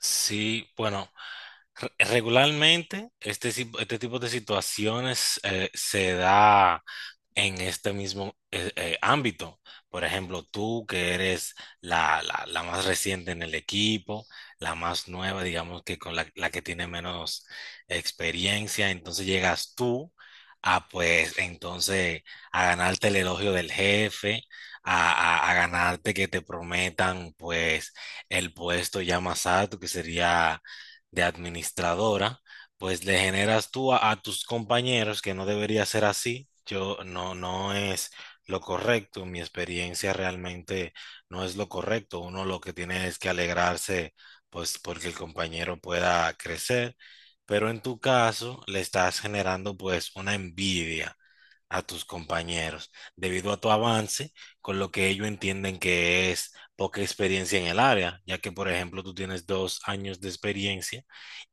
Sí, bueno, regularmente este tipo de situaciones se da en este mismo ámbito. Por ejemplo, tú que eres la más reciente en el equipo, la más nueva, digamos que con la que tiene menos experiencia, entonces llegas tú a pues entonces a ganarte el elogio del jefe, a, a ganarte que te prometan pues el puesto ya más alto que sería de administradora, pues le generas tú a tus compañeros que no debería ser así. Yo no, no es lo correcto. Mi experiencia realmente no es lo correcto. Uno lo que tiene es que alegrarse, pues porque el compañero pueda crecer. Pero en tu caso le estás generando pues una envidia a tus compañeros debido a tu avance, con lo que ellos entienden que es poca experiencia en el área, ya que por ejemplo tú tienes 2 años de experiencia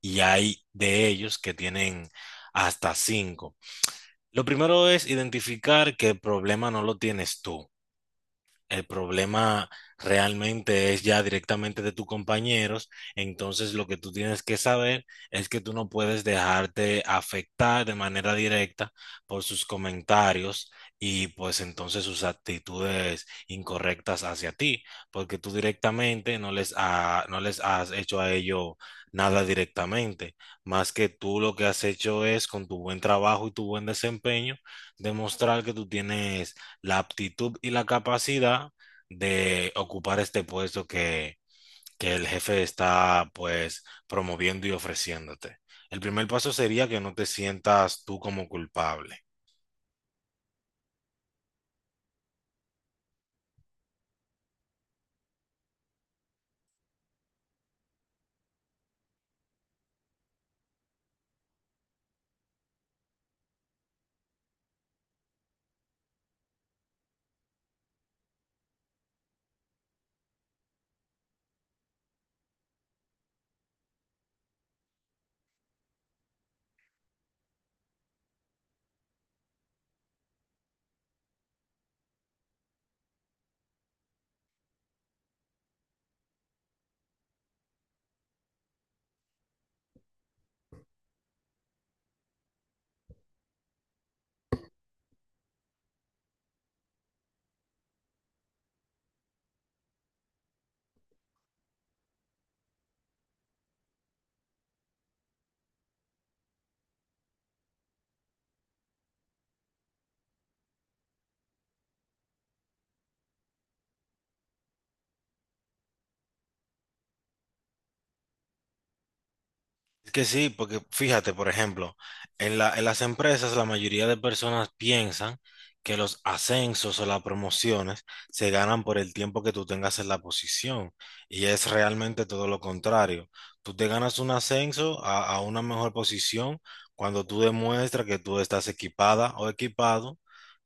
y hay de ellos que tienen hasta 5. Lo primero es identificar que el problema no lo tienes tú, el problema realmente es ya directamente de tus compañeros. Entonces lo que tú tienes que saber es que tú no puedes dejarte afectar de manera directa por sus comentarios y pues entonces sus actitudes incorrectas hacia ti, porque tú directamente no les, no les has hecho a ellos nada directamente, más que tú lo que has hecho es con tu buen trabajo y tu buen desempeño demostrar que tú tienes la aptitud y la capacidad de ocupar este puesto que el jefe está pues promoviendo y ofreciéndote. El primer paso sería que no te sientas tú como culpable. Es que sí, porque fíjate, por ejemplo, en las empresas la mayoría de personas piensan que los ascensos o las promociones se ganan por el tiempo que tú tengas en la posición, y es realmente todo lo contrario. Tú te ganas un ascenso a una mejor posición cuando tú demuestras que tú estás equipada o equipado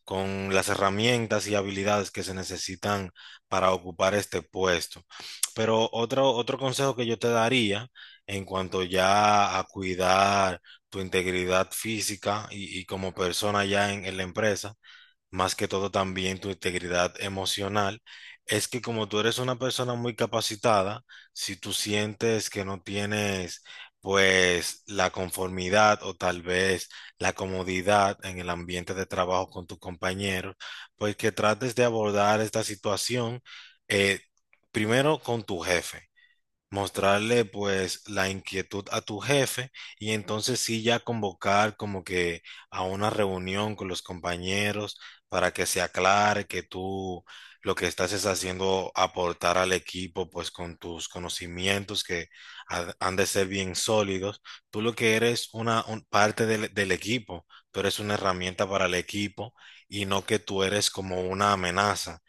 con las herramientas y habilidades que se necesitan para ocupar este puesto. Pero otro consejo que yo te daría en cuanto ya a cuidar tu integridad física y como persona ya en la empresa, más que todo también tu integridad emocional, es que como tú eres una persona muy capacitada, si tú sientes que no tienes pues la conformidad o tal vez la comodidad en el ambiente de trabajo con tus compañeros, pues que trates de abordar esta situación eh, primero con tu jefe, mostrarle pues la inquietud a tu jefe, y entonces sí ya convocar como que a una reunión con los compañeros para que se aclare que tú lo que estás es haciendo aportar al equipo pues con tus conocimientos que han de ser bien sólidos. Tú lo que eres una parte del equipo, tú eres una herramienta para el equipo y no que tú eres como una amenaza.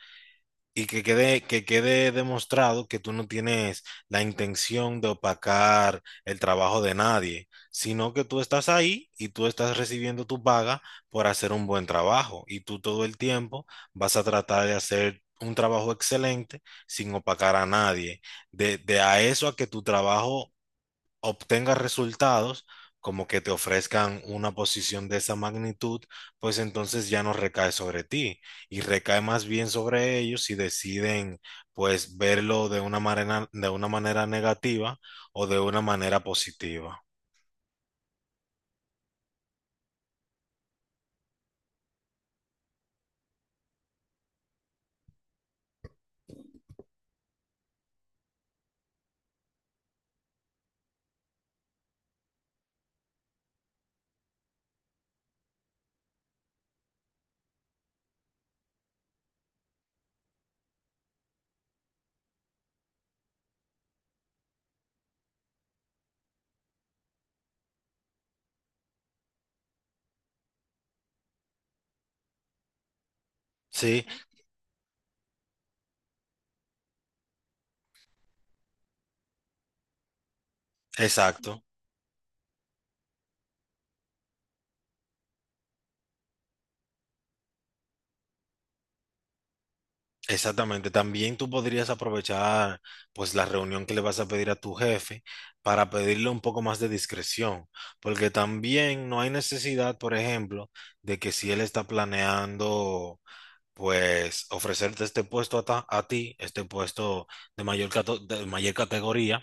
Y que que quede demostrado que tú no tienes la intención de opacar el trabajo de nadie, sino que tú estás ahí y tú estás recibiendo tu paga por hacer un buen trabajo. Y tú todo el tiempo vas a tratar de hacer un trabajo excelente sin opacar a nadie. De a eso a que tu trabajo obtengas resultados, como que te ofrezcan una posición de esa magnitud, pues entonces ya no recae sobre ti y recae más bien sobre ellos, y deciden pues verlo de una manera negativa o de una manera positiva. Sí, exacto. Exactamente, también tú podrías aprovechar pues la reunión que le vas a pedir a tu jefe para pedirle un poco más de discreción, porque también no hay necesidad, por ejemplo, de que si él está planeando pues ofrecerte este puesto a ti, este puesto de de mayor categoría.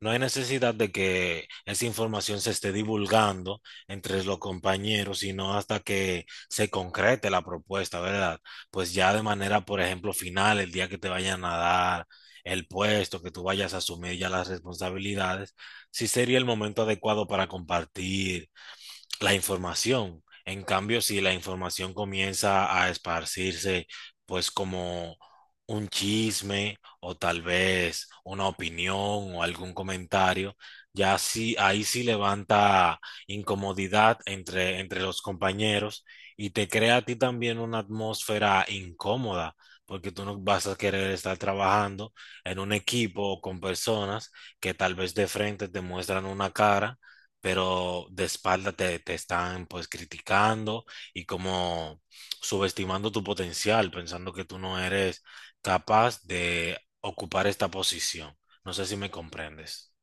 No hay necesidad de que esa información se esté divulgando entre los compañeros, sino hasta que se concrete la propuesta, ¿verdad? Pues ya de manera, por ejemplo, final, el día que te vayan a dar el puesto, que tú vayas a asumir ya las responsabilidades, sí sería el momento adecuado para compartir la información. En cambio, si la información comienza a esparcirse, pues como un chisme o tal vez una opinión o algún comentario, ya sí, ahí sí levanta incomodidad entre los compañeros, y te crea a ti también una atmósfera incómoda, porque tú no vas a querer estar trabajando en un equipo o con personas que tal vez de frente te muestran una cara pero de espalda te están pues criticando y como subestimando tu potencial, pensando que tú no eres capaz de ocupar esta posición. No sé si me comprendes.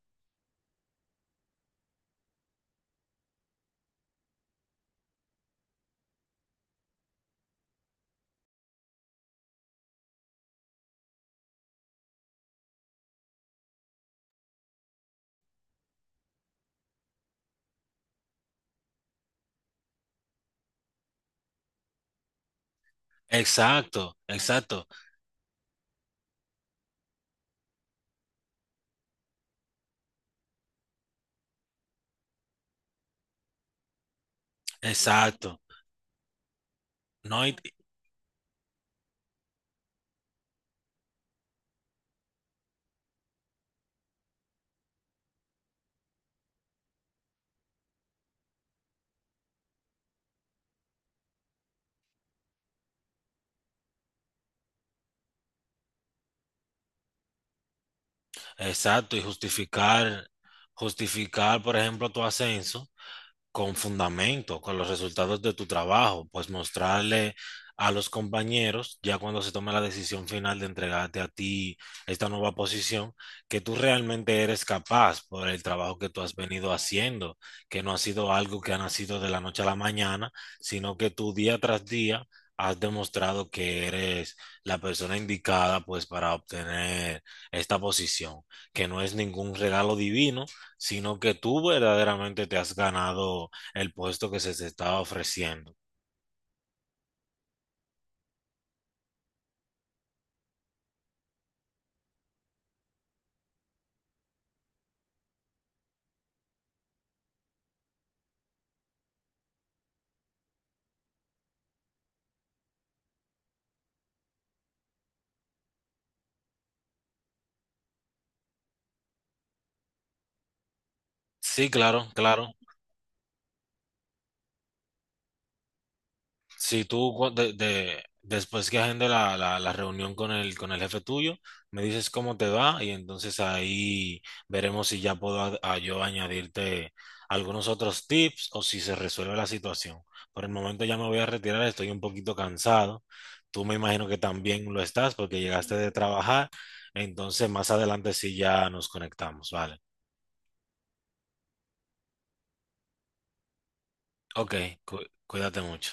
Exacto, exacto, exacto. No, y, exacto, y justificar, justificar, por ejemplo, tu ascenso con fundamento, con los resultados de tu trabajo, pues mostrarle a los compañeros, ya cuando se tome la decisión final de entregarte a ti esta nueva posición, que tú realmente eres capaz por el trabajo que tú has venido haciendo, que no ha sido algo que ha nacido de la noche a la mañana, sino que tú día tras día has demostrado que eres la persona indicada pues para obtener esta posición, que no es ningún regalo divino, sino que tú verdaderamente te has ganado el puesto que se te estaba ofreciendo. Sí, claro, claro. Si tú después que agende la reunión con el jefe tuyo, me dices cómo te va, y entonces ahí veremos si ya puedo a yo añadirte algunos otros tips, o si se resuelve la situación. Por el momento ya me voy a retirar, estoy un poquito cansado. Tú me imagino que también lo estás porque llegaste de trabajar. Entonces más adelante sí ya nos conectamos, ¿vale? Ok, cuídate mucho.